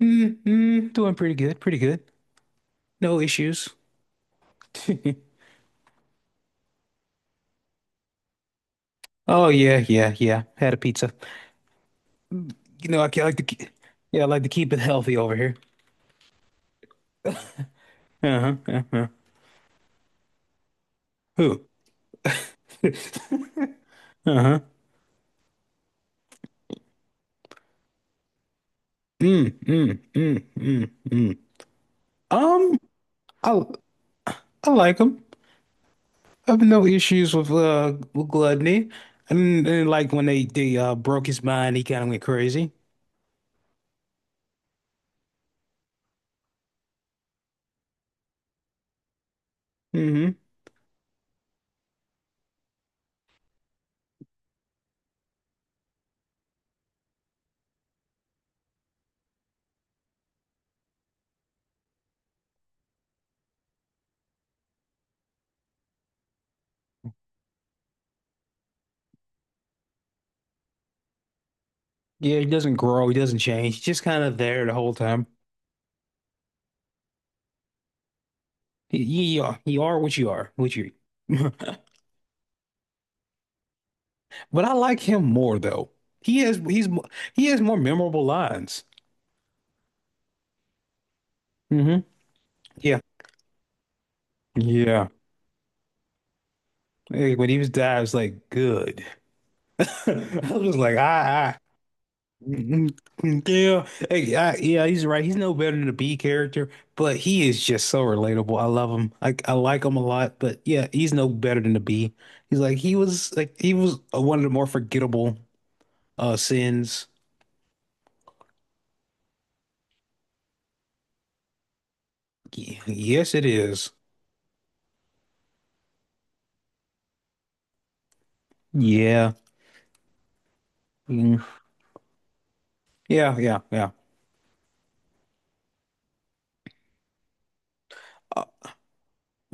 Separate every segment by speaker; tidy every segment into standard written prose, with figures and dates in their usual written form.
Speaker 1: Mm-hmm. Doing pretty good, pretty good. No issues. Oh yeah, yeah, yeah. Had a pizza. I like yeah, I like to keep it healthy over here. Uh-huh, uh-huh. Who? Uh-huh. Mm, mm, mm, mm, mm. Um, I I like them. I have no issues with gluttony, and like when they broke his mind, he kind of went crazy. Mm-hmm. Yeah, he doesn't grow, he doesn't change. He's just kind of there the whole time. You are what you are, what you. But I like him more though. He has he's mo- he has more memorable lines. Hmm. Yeah, yeah. Hey, when he was dying, it's like good. I was like, ah, ah. Mhm. Yeah, hey, yeah. He's right. He's no better than the B character, but he is just so relatable. I love him. I like him a lot, but yeah, he's no better than the B. He's like he was one of the more forgettable sins. Yes, it is. Yeah. Mm. Yeah, yeah, yeah. Uh,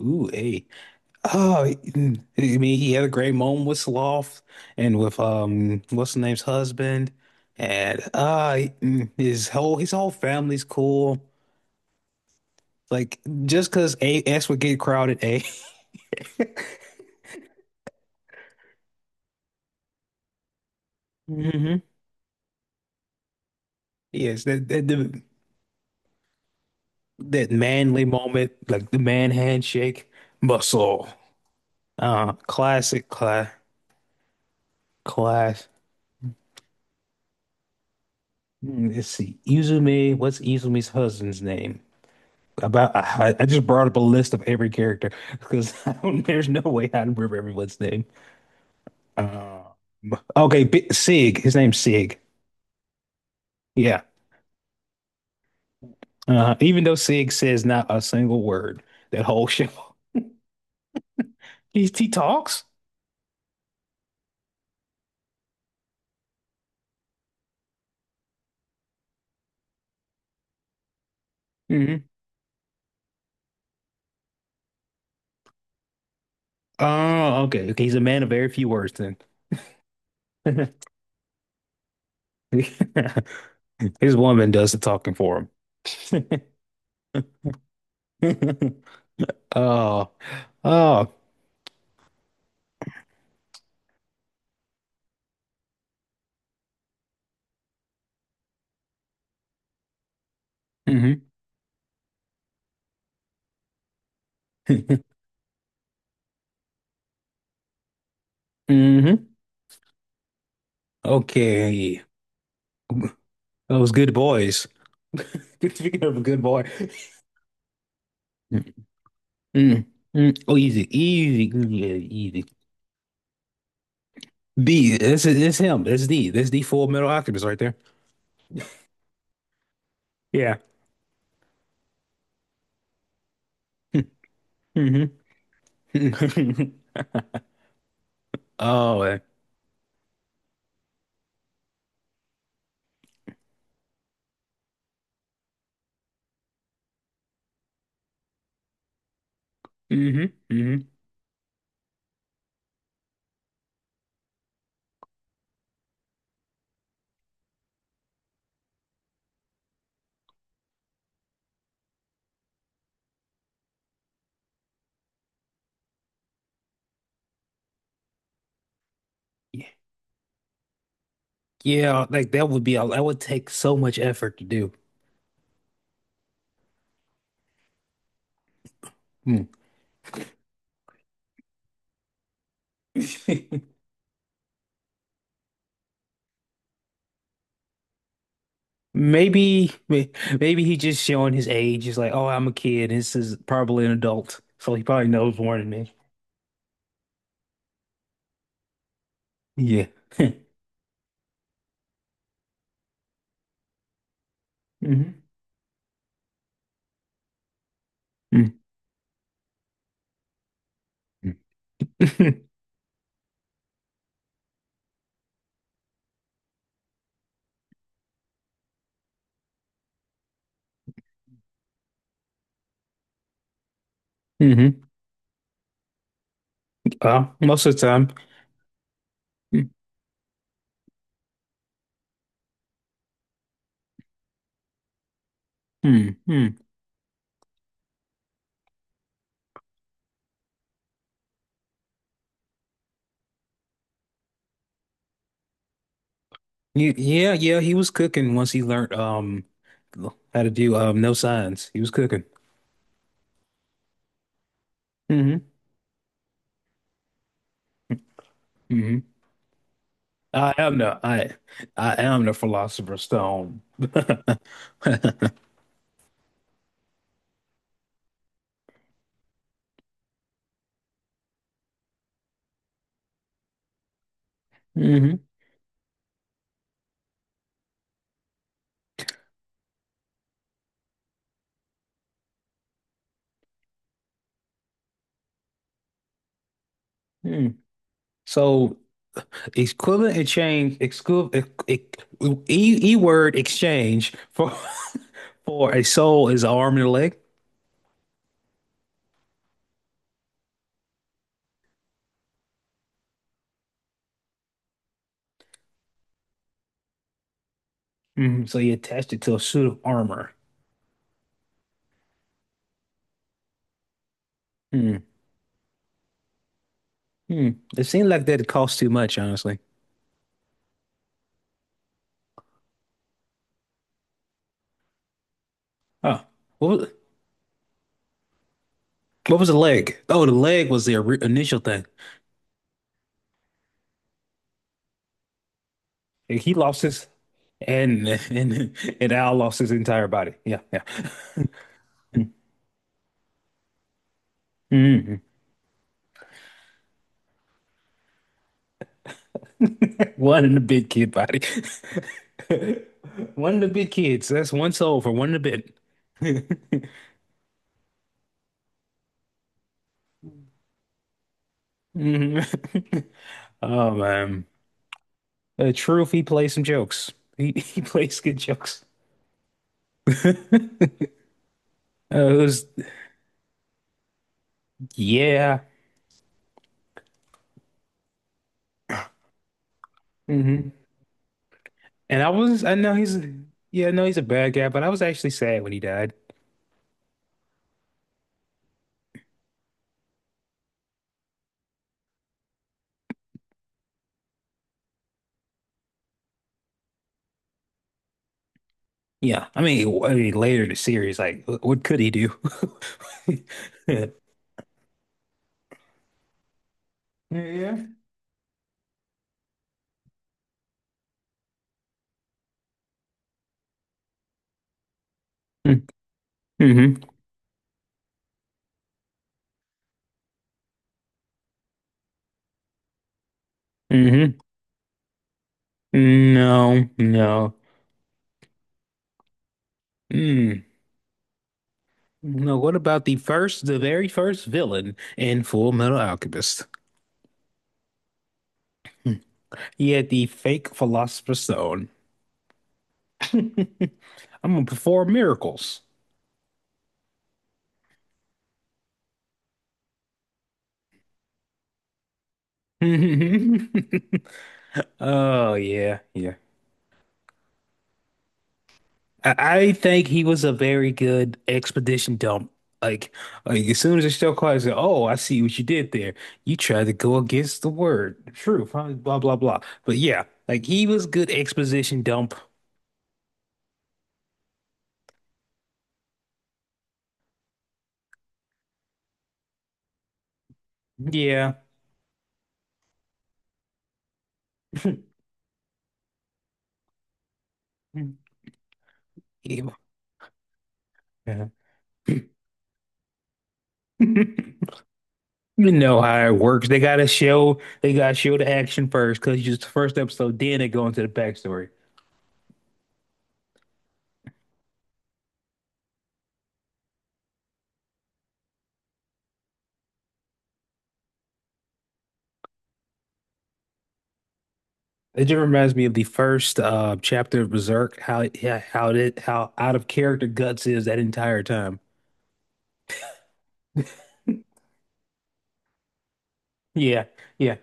Speaker 1: ooh, hey. Oh, mm. I mean, he had a great moment with Sloth and with what's the name's husband, and mm, his whole family's cool. Like just because A S would get crowded, A. Hmm. Yes, that manly moment, like the man handshake, muscle. Uh, classic, class, class. Mm, let's see, Izumi. What's Izumi's husband's name? About I just brought up a list of every character because I don't, there's no way I remember everyone's name. Uh, okay, B Sig. His name's Sig. Yeah. Even though Sig says not a single word, that whole show he talks. Hmm. Oh, okay. Okay, he's a man of very few words then. His woman does the talking for him. Oh, oh. Hmm. Hmm. Okay. Those good boys. Speaking of a good boy. Mm, mm, mm. Oh, easy, easy, good, yeah, easy. B, this him. This is D. This is the Full Metal Alchemist right there. Yeah. Mm-hmm. Oh, man. Hmm. Hmm. Yeah, yeah, like that would be that would take so much effort to do. Hmm. Maybe, may- maybe he just showing his age. He's like, oh, I'm a kid. This is probably an adult, so he probably knows more than me. Yeah. Hmm. Hmm. Well, most of the time. Mm-hmm. Yeah, yeah, he was cooking once he learned how to do no signs. He was cooking. Hmm. Hmm. I am the I I am the Philosopher's Stone. Hmm. Hmm. So equivalent exchange exclu e, e word exchange for for a soul is an arm and a leg. Mhm. So you attached it to a suit of armor. Hmm. Hmm. It seemed like that cost too much, honestly. Oh, What was, what was the leg? Oh, the leg was the initial thing. And He lost his and and and Al lost his entire body. Yeah, yeah. Mhm. One in the big kid body. One of the big kids. That's one soul for one of the bit. Mhm. Oh man. The truth, he plays some jokes. He he plays good jokes. It was yeah. Mm-hmm. And I was, yeah, I know he's a bad guy, but I was actually sad when he died. Yeah, I mean, later in the series, like, what could he do? Yeah. Mm-hmm. Mm-hmm. No, no. Mm. No, what about the very first villain in Full Metal Alchemist? He had the fake Philosopher's Stone. I'm gonna perform miracles. Oh yeah, yeah. I I think he was a very good expedition dump. Like, like as soon as the show called, I said, "Oh, I see what you did there. You tried to go against the word, the truth, huh? Blah blah blah." But yeah, like he was good exposition dump. Yeah, yeah. You know how it works. They gotta show the action first because just the first episode. Then they go into the backstory. It just reminds me of the first chapter of Berserk. Yeah, how it how out of character Guts is that entire time. Yeah, yeah.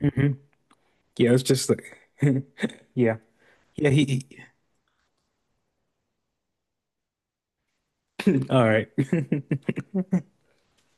Speaker 1: Hmm. Yeah, it's just like, yeah, yeah. All right.